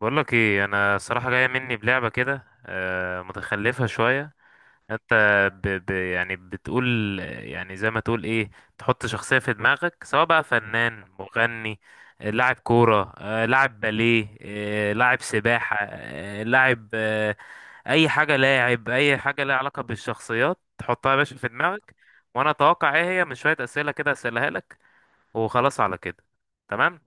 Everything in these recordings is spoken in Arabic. بقولك ايه، انا صراحة جاية مني بلعبة كده متخلفة شوية. انت ب يعني بتقول، يعني زي ما تقول ايه، تحط شخصية في دماغك، سواء بقى فنان، مغني، لاعب كورة، لاعب باليه، لاعب سباحة، آه، لاعب آه، اي حاجة، لاعب اي حاجة لها علاقة بالشخصيات، تحطها يا باشا في دماغك. وانا اتوقع ايه هي، من شوية اسئلة كده اسألها لك، وخلاص على كده. تمام.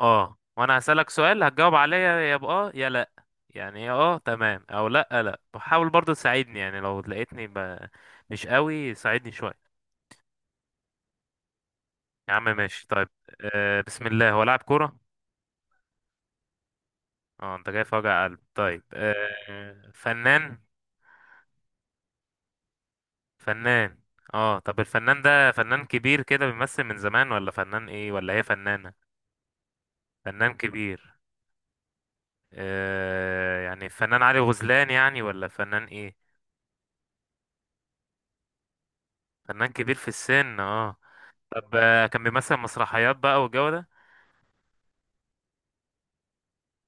اه، وانا هسألك سؤال هتجاوب عليا يا بآه يا لا، يعني يا تمام او لا. لا، بحاول برضو تساعدني، يعني لو لقيتني مش قوي، ساعدني شوية. يا عم ماشي، طيب. بسم الله، هو لاعب كورة؟ اه، انت جاي في وجع قلب. طيب، فنان؟ فنان، اه. طب الفنان ده فنان كبير كده بيمثل من زمان، ولا فنان ايه، ولا هي فنانة؟ فنان كبير. يعني فنان علي غزلان يعني، ولا فنان ايه؟ فنان كبير في السن، اه. طب كان بيمثل مسرحيات بقى والجو ده؟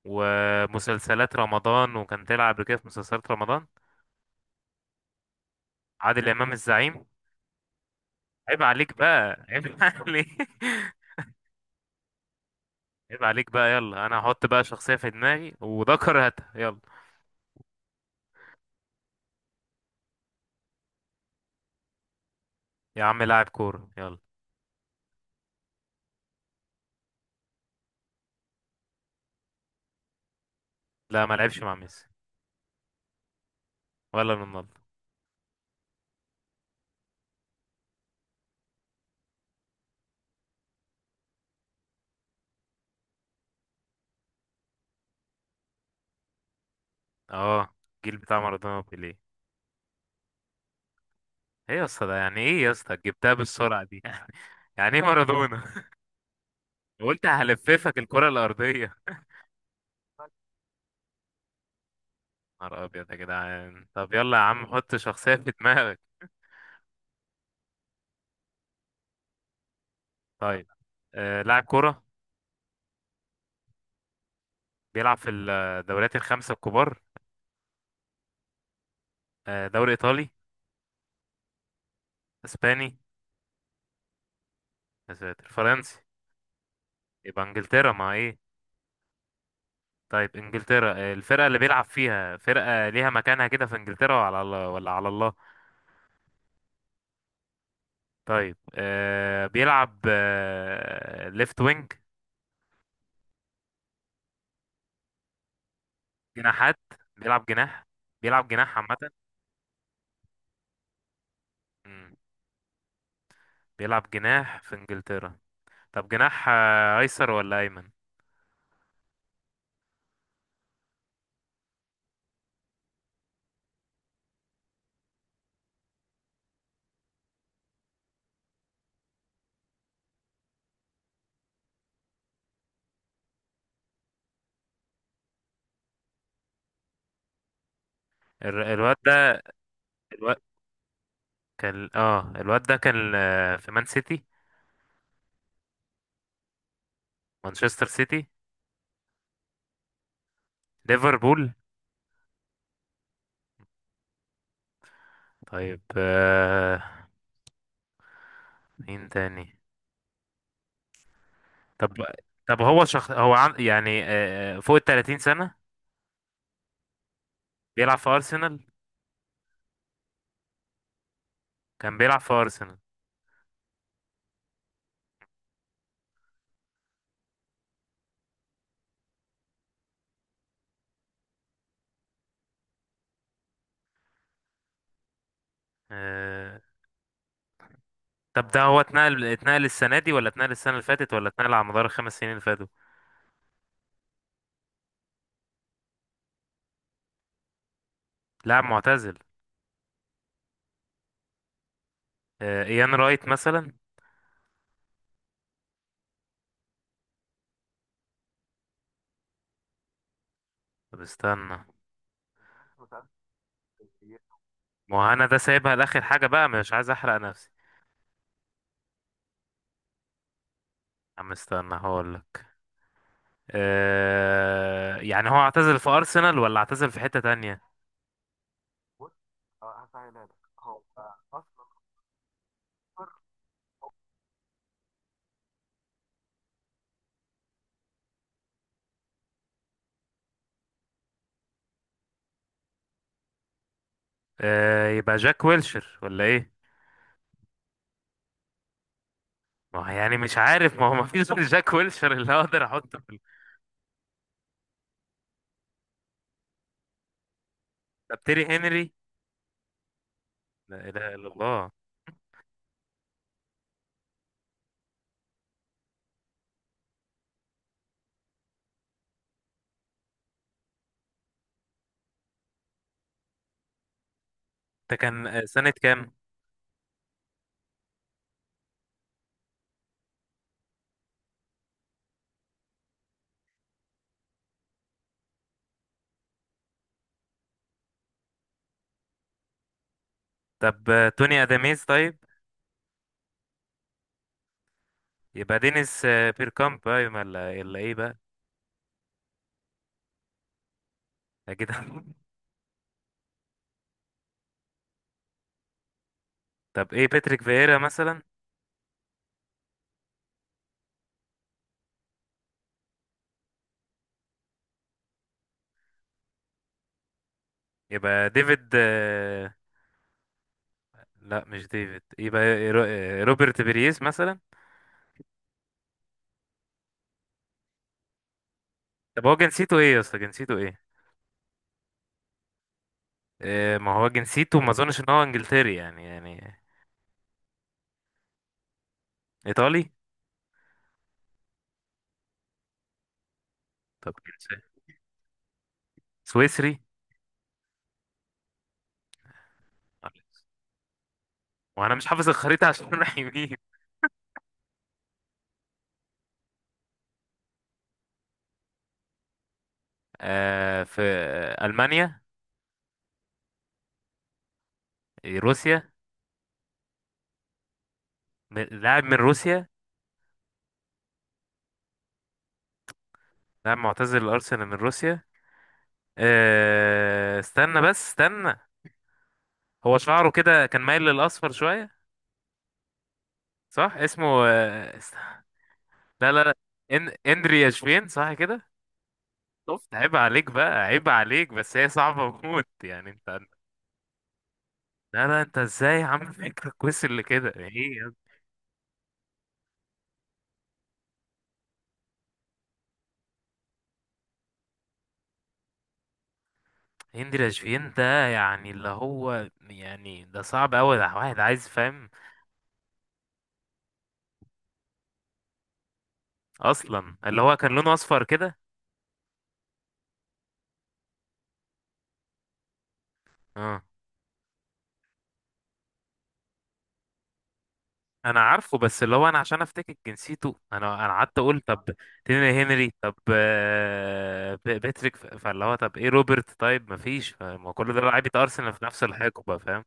ومسلسلات رمضان، وكان طلع قبل كده في مسلسلات رمضان؟ عادل امام، الزعيم. عيب عليك بقى، عيب عليك. عيب عليك بقى. يلا، انا هحط بقى شخصية في دماغي، وده كرهتها. يلا. يا عم، لاعب كورة، يلا. لا، ما لعبش مع ميسي. ولا رونالدو. اه، الجيل بتاع مارادونا وبيليه. ايه يا اسطى ده؟ يعني ايه يا اسطى جبتها بالسرعة دي؟ يعني ايه مارادونا؟ قلت هلففك الكرة الأرضية. نهار ابيض يا جدعان. طب يلا يا عم، حط شخصية في دماغك. طيب. لاعب كرة؟ بيلعب في الدوريات الخمسة الكبار. دوري إيطالي؟ إسباني؟ يا ساتر، فرنسي؟ يبقى إنجلترا ما إيه. طيب إنجلترا. الفرقة اللي بيلعب فيها، فرقة ليها مكانها كده في إنجلترا، وعلى الله ولا على الله؟ طيب. بيلعب ليفت وينج؟ جناحات؟ بيلعب جناح. بيلعب جناح عامة. مم، بيلعب جناح في إنجلترا. طب جناح أيسر ولا أيمن؟ الواد ده. الواد الواد ده كان في مان سيتي؟ مانشستر سيتي؟ ليفربول؟ طيب. مين تاني؟ طب طب، هو شخص، هو عن... يعني آه آه، فوق ال 30 سنة؟ بيلعب في أرسنال؟ كان بيلعب في أرسنال. آه طب، ده هو اتنقل، اتنقل السنة دي ولا اتنقل السنة اللي فاتت، ولا اتنقل على مدار ال5 سنين اللي فاتوا؟ لاعب معتزل. إيان رايت مثلا؟ طب استنى. ما هو انا ده سايبها لاخر حاجه بقى، مش عايز احرق نفسي. يا عم استنى، هقول لك. يعني هو اعتزل في ارسنال ولا اعتزل في حته تانية؟ يبقى جاك ويلشر ولا ايه؟ ما هو يعني مش عارف، ما هو ما فيش غير جاك ويلشر اللي اقدر احطه طب تيري هنري؟ لا اله الا الله. ده كان سنة كام؟ طب توني اداميز طيب؟ يبقى دينيس بيركامب بقى، ولا ايه بقى؟ اكيد. طب ايه، باتريك فييرا مثلا؟ يبقى ديفيد لا مش ديفيد، يبقى روبرت بيريز مثلا؟ طب هو جنسيته ايه يا اسطى، جنسيته ايه؟ ما هو جنسيته ما اظنش ان هو انجلتري يعني. ايطالي؟ طب سويسري؟ وانا مش حافظ الخريطة عشان رايح يمين. في ألمانيا؟ روسيا؟ لاعب من روسيا؟ لاعب معتزل الأرسنال من روسيا. استنى بس استنى. هو شعره كده كان مايل للأصفر شوية؟ صح، اسمه. لا، لا، لا. اندري ياشفين، صح كده؟ عيب عليك بقى، عيب عليك. بس هي صعبة موت يعني انت. لا، لا، انت ازاي عامل فكرك وصل لكده ايه؟ هند رشفين ده يعني، اللي هو يعني، ده صعب قوي، ده واحد عايز فاهم. اصلا اللي هو كان لونه اصفر كده؟ اه، انا عارفه، بس اللي هو انا عشان افتكر جنسيته، انا قعدت اقول طب تيني هنري، طب باتريك فاللي هو، طب ايه روبرت، طيب مفيش، ما كل ده لعيبه ارسنال في نفس الحقبه، فاهم؟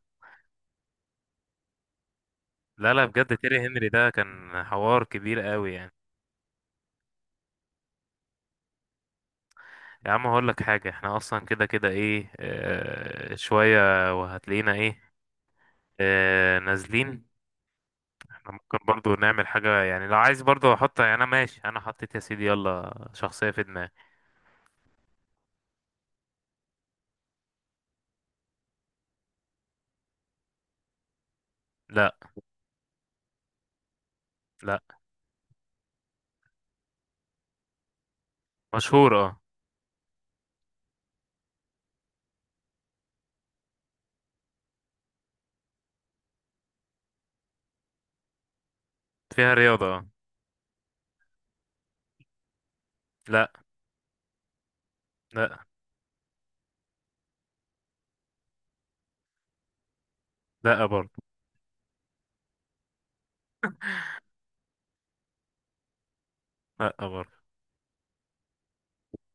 لا، لا، بجد تيري هنري ده كان حوار كبير قوي يعني. يا عم هقول لك حاجه، احنا اصلا كده كده ايه شويه، وهتلاقينا ايه نازلين. احنا ممكن برضو نعمل حاجة، يعني لو عايز برضو احط، يعني انا ماشي، انا حطيت يا سيدي، يلا شخصية في دماغي. لا. لا. مشهورة، اه. فيها رياضة، اه. لا. لا. لا برضو. لا برضو.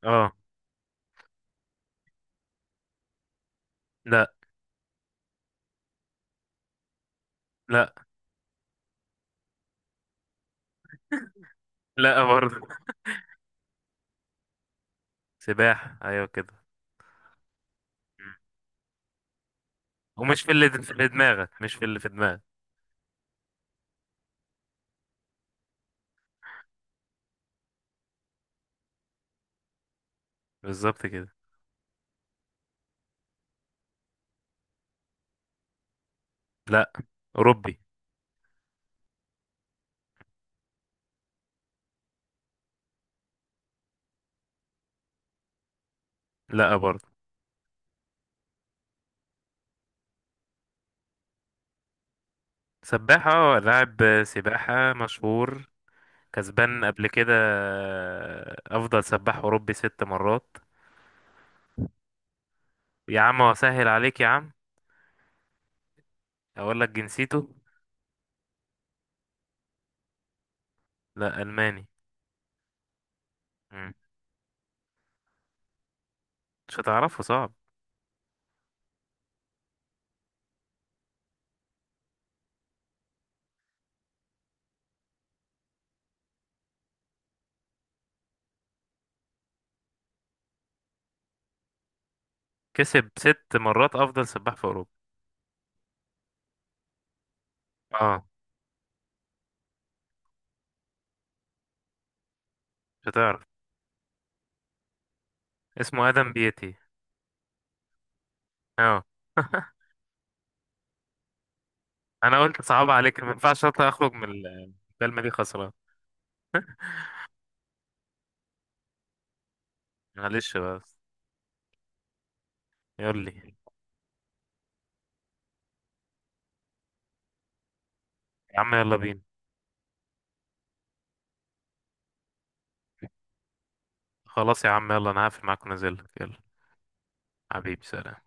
اه. لا. لا. لا برضو. سباحة، ايوه كده. مم. ومش في اللي دماغك، مش في اللي في دماغك. بالظبط كده. لا. اوروبي. لا برضو. سباحة، اه، لاعب سباحة مشهور. كسبان قبل كده افضل سباح اوروبي 6 مرات. يا عم، وسهل عليك يا عم، اقول لك جنسيته. لا، الماني. مم. مش هتعرفه، صعب. كسب 6 مرات افضل سباح في اوروبا. اه، مش هتعرف. اسمه ادم بيتي. اه. انا قلت صعب عليك، ما ينفعش اطلع اخرج من الكلمه دي خسران. معلش بس. يقول لي. يا عم يلا بينا. خلاص يا عم، يلا انا هقفل معاك ونازل لك، يلا. حبيبي، سلام.